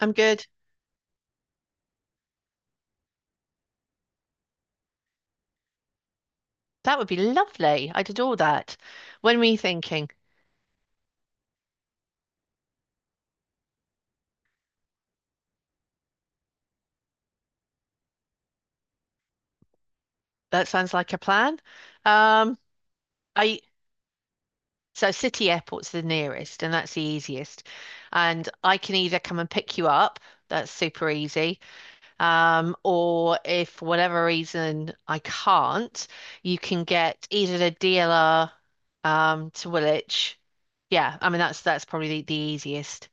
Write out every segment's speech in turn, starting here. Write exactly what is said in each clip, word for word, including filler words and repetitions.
I'm good. That would be lovely. I'd adore that. When were you thinking? That sounds like a plan. Um, I So City Airport's the nearest, and that's the easiest. And I can either come and pick you up, that's super easy. Um, or if for whatever reason I can't, you can get either the D L R um to Woolwich. Yeah, I mean that's that's probably the, the easiest.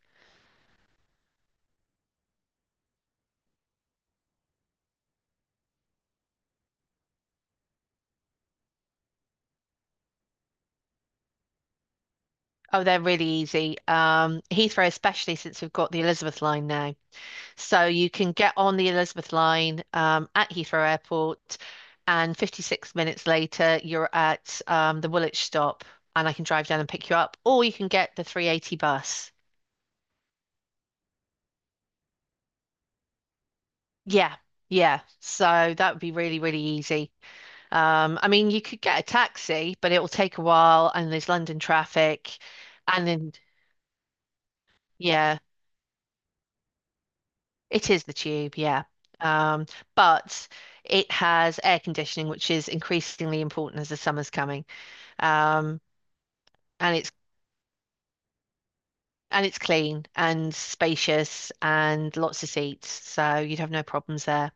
Oh, they're really easy. Um, Heathrow, especially since we've got the Elizabeth line now. So you can get on the Elizabeth line um, at Heathrow Airport, and fifty-six minutes later, you're at um, the Woolwich stop, and I can drive down and pick you up, or you can get the three eighty bus. Yeah, yeah. So that would be really, really easy. Um, I mean, you could get a taxi, but it will take a while, and there's London traffic, and then, yeah, it is the tube, yeah. Um, but it has air conditioning, which is increasingly important as the summer's coming. Um, and it's and it's clean and spacious and lots of seats, so you'd have no problems there.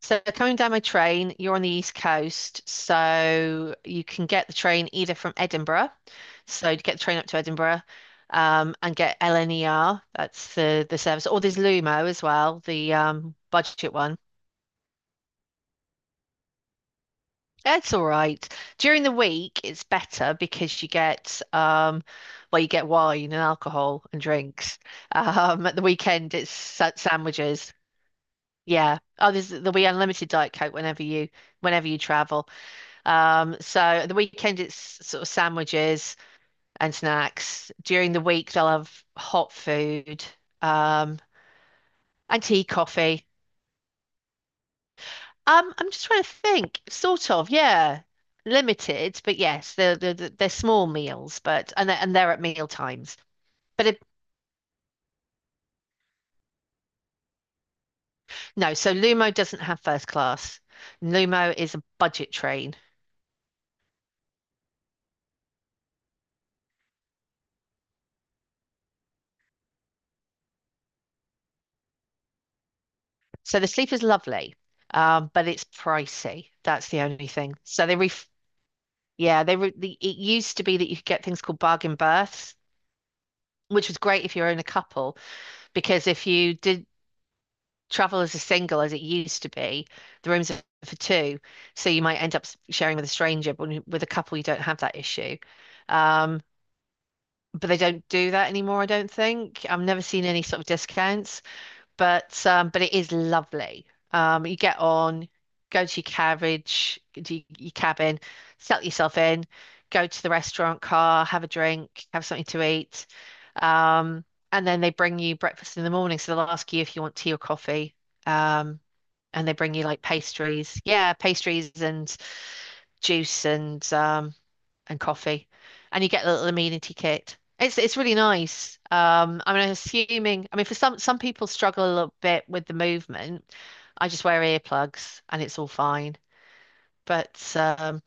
So coming down my train, you're on the East Coast, so you can get the train either from Edinburgh, so you get the train up to Edinburgh, um, and get L N E R, that's the the service, or there's Lumo as well, the um budget one. It's all right. During the week, it's better because you get um, well, you get wine and alcohol and drinks. Um, at the weekend, it's sa- sandwiches. Yeah. Oh, there's there'll be unlimited Diet Coke whenever you whenever you travel. Um, so at the weekend, it's sort of sandwiches and snacks. During the week, they'll have hot food, um, and tea, coffee. Um, I'm just trying to think. Sort of, yeah. Limited, but yes, they're they're, they're small meals, but and they're, and they're at meal times. But it, no, so Lumo doesn't have first class. Lumo is a budget train. So the sleep is lovely, um, but it's pricey. That's the only thing. So they ref Yeah, they re the, it used to be that you could get things called bargain berths, which was great if you're in a couple because if you did travel as a single as it used to be. The rooms are for two, so you might end up sharing with a stranger, but with a couple, you don't have that issue. Um, but they don't do that anymore, I don't think. I've never seen any sort of discounts, but um, but it is lovely. Um, you get on, go to your carriage, to y- your cabin, settle yourself in, go to the restaurant car, have a drink, have something to eat. Um, and then they bring you breakfast in the morning, so they'll ask you if you want tea or coffee. Um, and they bring you like pastries. Yeah, pastries and juice and um and coffee. And you get a little amenity kit. It's it's really nice. Um, I mean, I'm assuming, I mean, for some some people struggle a little bit with the movement. I just wear earplugs and it's all fine. But um,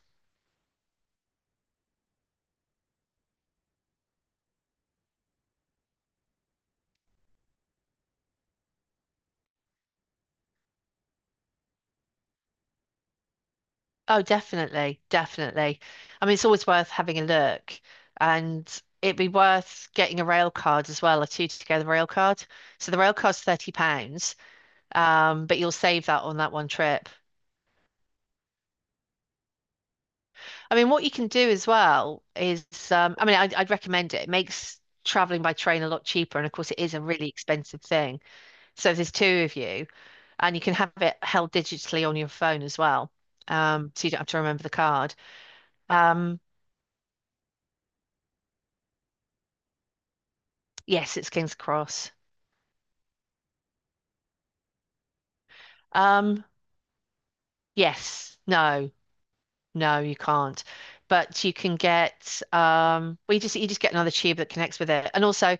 Oh, definitely, definitely. I mean, it's always worth having a look, and it'd be worth getting a rail card as well, a two together rail card. So the rail card's thirty pounds. Um, but you'll save that on that one trip. I mean, what you can do as well is, um, I mean, I'd, I'd recommend it. It makes traveling by train a lot cheaper. And of course, it is a really expensive thing. So if there's two of you, and you can have it held digitally on your phone as well. Um, so you don't have to remember the card. Um, yes, it's King's Cross. Um, yes, no, no, you can't. But you can get, um, well, you just you just get another tube that connects with it, and also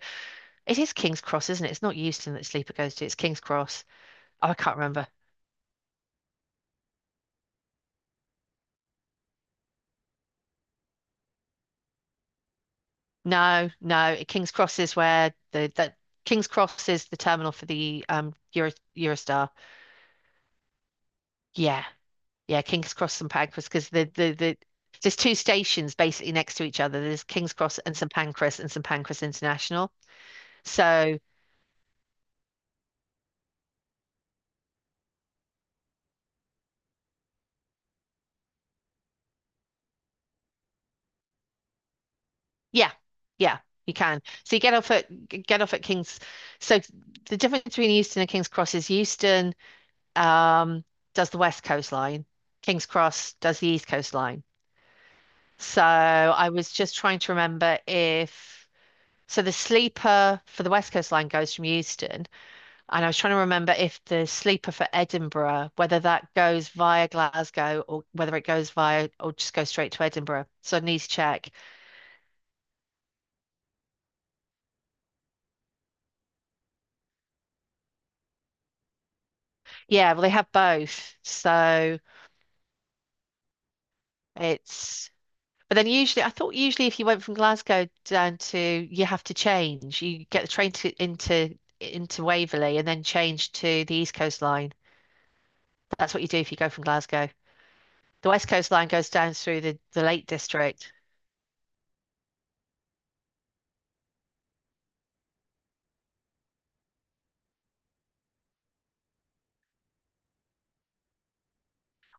it is King's Cross, isn't it? It's not Euston that Sleeper goes to. It's King's Cross. Oh, I can't remember. No, No. King's Cross is where the that King's Cross is the terminal for the um Euro, Eurostar. Yeah, yeah. King's Cross and Pancras because the the the there's two stations basically next to each other. There's King's Cross and St Pancras and St Pancras International. So yeah, yeah, you can. So you get off at get off at King's. So the difference between Euston and King's Cross is Euston um, does the West Coast line. King's Cross does the East Coast line. So I was just trying to remember if So the sleeper for the West Coast line goes from Euston, and I was trying to remember if the sleeper for Edinburgh, whether that goes via Glasgow or whether it goes via or just goes straight to Edinburgh. So I need to check. Yeah, well they have both. So it's But then usually, I thought usually if you went from Glasgow down to, you have to change. You get the train to into into Waverley and then change to the East Coast Line. That's what you do if you go from Glasgow. The West Coast Line goes down through the, the Lake District.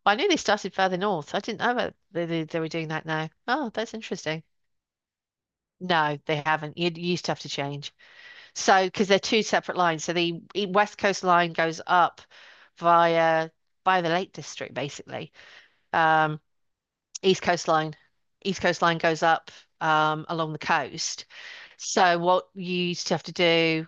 Well, I knew they started further north. I didn't know that they, they, they were doing that now. Oh, that's interesting. No, they haven't. You, you used to have to change. So, because they're two separate lines. So the e- West Coast Line goes up via by the Lake District, basically. Um, East Coast Line. East Coast Line goes up um, along the coast. So what you used to have to do,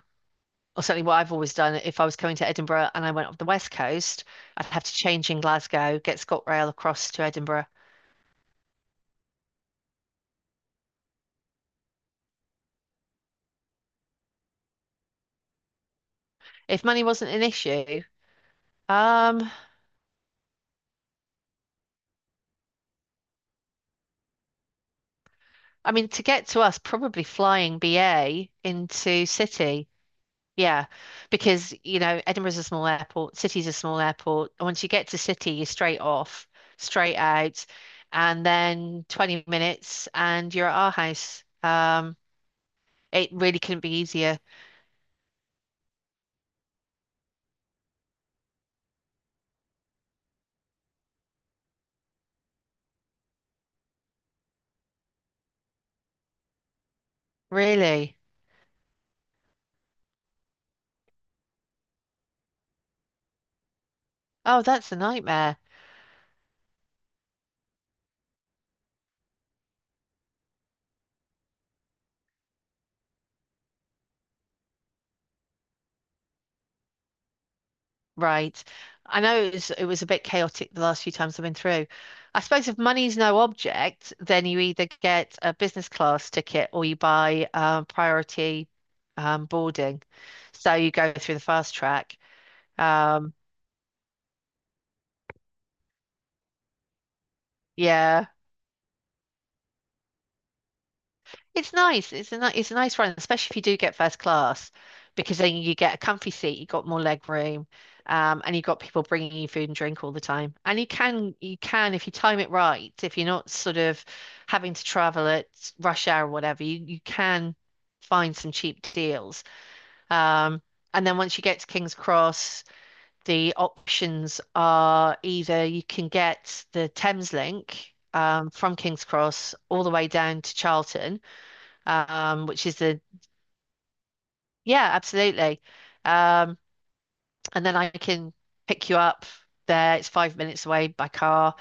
or certainly what I've always done, if I was coming to Edinburgh and I went up the west coast, I'd have to change in Glasgow, get ScotRail across to Edinburgh. If money wasn't an issue, um, I mean, to get to us, probably flying B A into city. Yeah, because you know Edinburgh's a small airport, City's a small airport. And once you get to City, you're straight off, straight out, and then twenty minutes, and you're at our house. Um, it really couldn't be easier, really. Oh, that's a nightmare, right? I know it was it was a bit chaotic the last few times I've been through. I suppose if money's no object, then you either get a business class ticket or you buy um, priority um, boarding. So you go through the fast track. Um, yeah, it's nice. It's a ni it's a nice run, especially if you do get first class, because then you get a comfy seat, you got more leg room, um, and you've got people bringing you food and drink all the time. And you can you can if you time it right, if you're not sort of having to travel at rush hour or whatever, you you can find some cheap deals. Um, and then once you get to King's Cross, the options are either you can get the Thames Link um, from King's Cross all the way down to Charlton, um, which is the, yeah, absolutely. Um, and then I can pick you up there. It's five minutes away by car.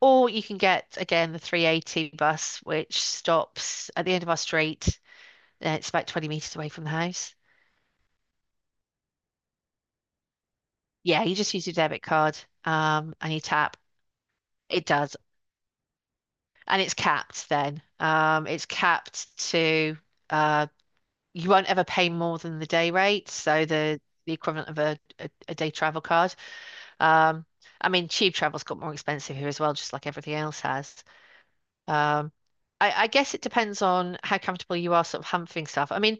Or you can get, again, the three eighty bus, which stops at the end of our street. Uh, It's about twenty meters away from the house. Yeah, you just use your debit card um, and you tap. It does. And it's capped then. Um, it's capped to uh, you won't ever pay more than the day rate, so the the equivalent of a, a, a day travel card. Um, I mean, tube travel's got more expensive here as well, just like everything else has. Um, I, I guess it depends on how comfortable you are sort of humping stuff. I mean,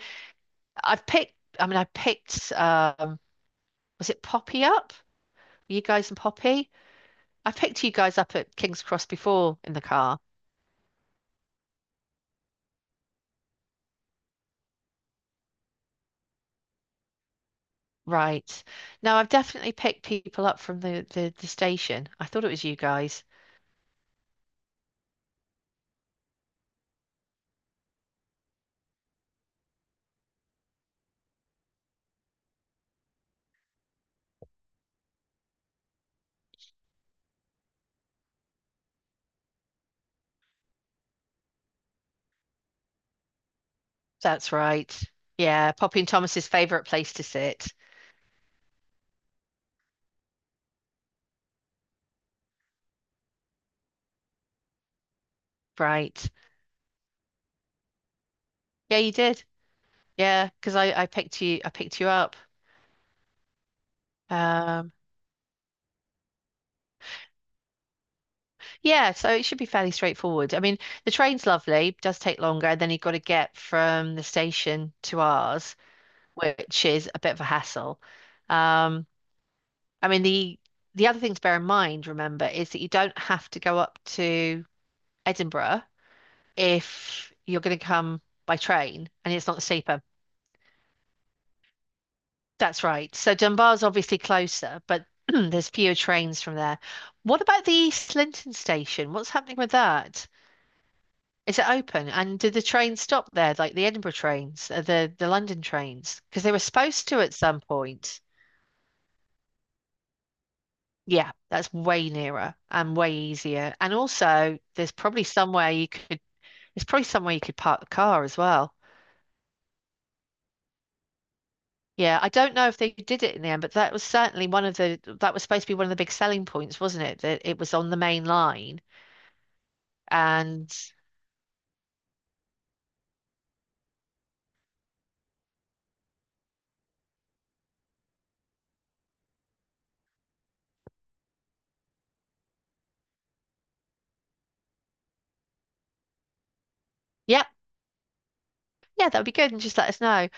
I've picked, I mean, I picked, um, was it Poppy up? You guys and Poppy? I picked you guys up at King's Cross before in the car. Right. No, I've definitely picked people up from the, the, the station. I thought it was you guys. That's right. Yeah, Poppy and Thomas's favorite place to sit. Right. Yeah, you did. Yeah, because I, I picked you I picked you up. Um, yeah, so it should be fairly straightforward. I mean, the train's lovely, does take longer, and then you've got to get from the station to ours, which is a bit of a hassle. Um, I mean, the the other thing to bear in mind, remember, is that you don't have to go up to Edinburgh if you're going to come by train and it's not cheaper. That's right. So Dunbar's obviously closer, but there's fewer trains from there. What about the East Linton station? What's happening with that? Is it open? And do the trains stop there, like the Edinburgh trains, uh, the the London trains? Because they were supposed to at some point. Yeah, that's way nearer and way easier. And also, there's probably somewhere you could there's probably somewhere you could park the car as well. Yeah, I don't know if they did it in the end, but that was certainly one of the that was supposed to be one of the big selling points, wasn't it? That it was on the main line. And yep, yeah, that would be good. And just let us know.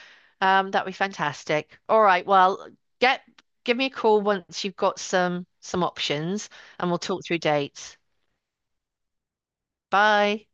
Um, that would be fantastic. All right, well, get give me a call once you've got some some options and we'll talk through dates. Bye.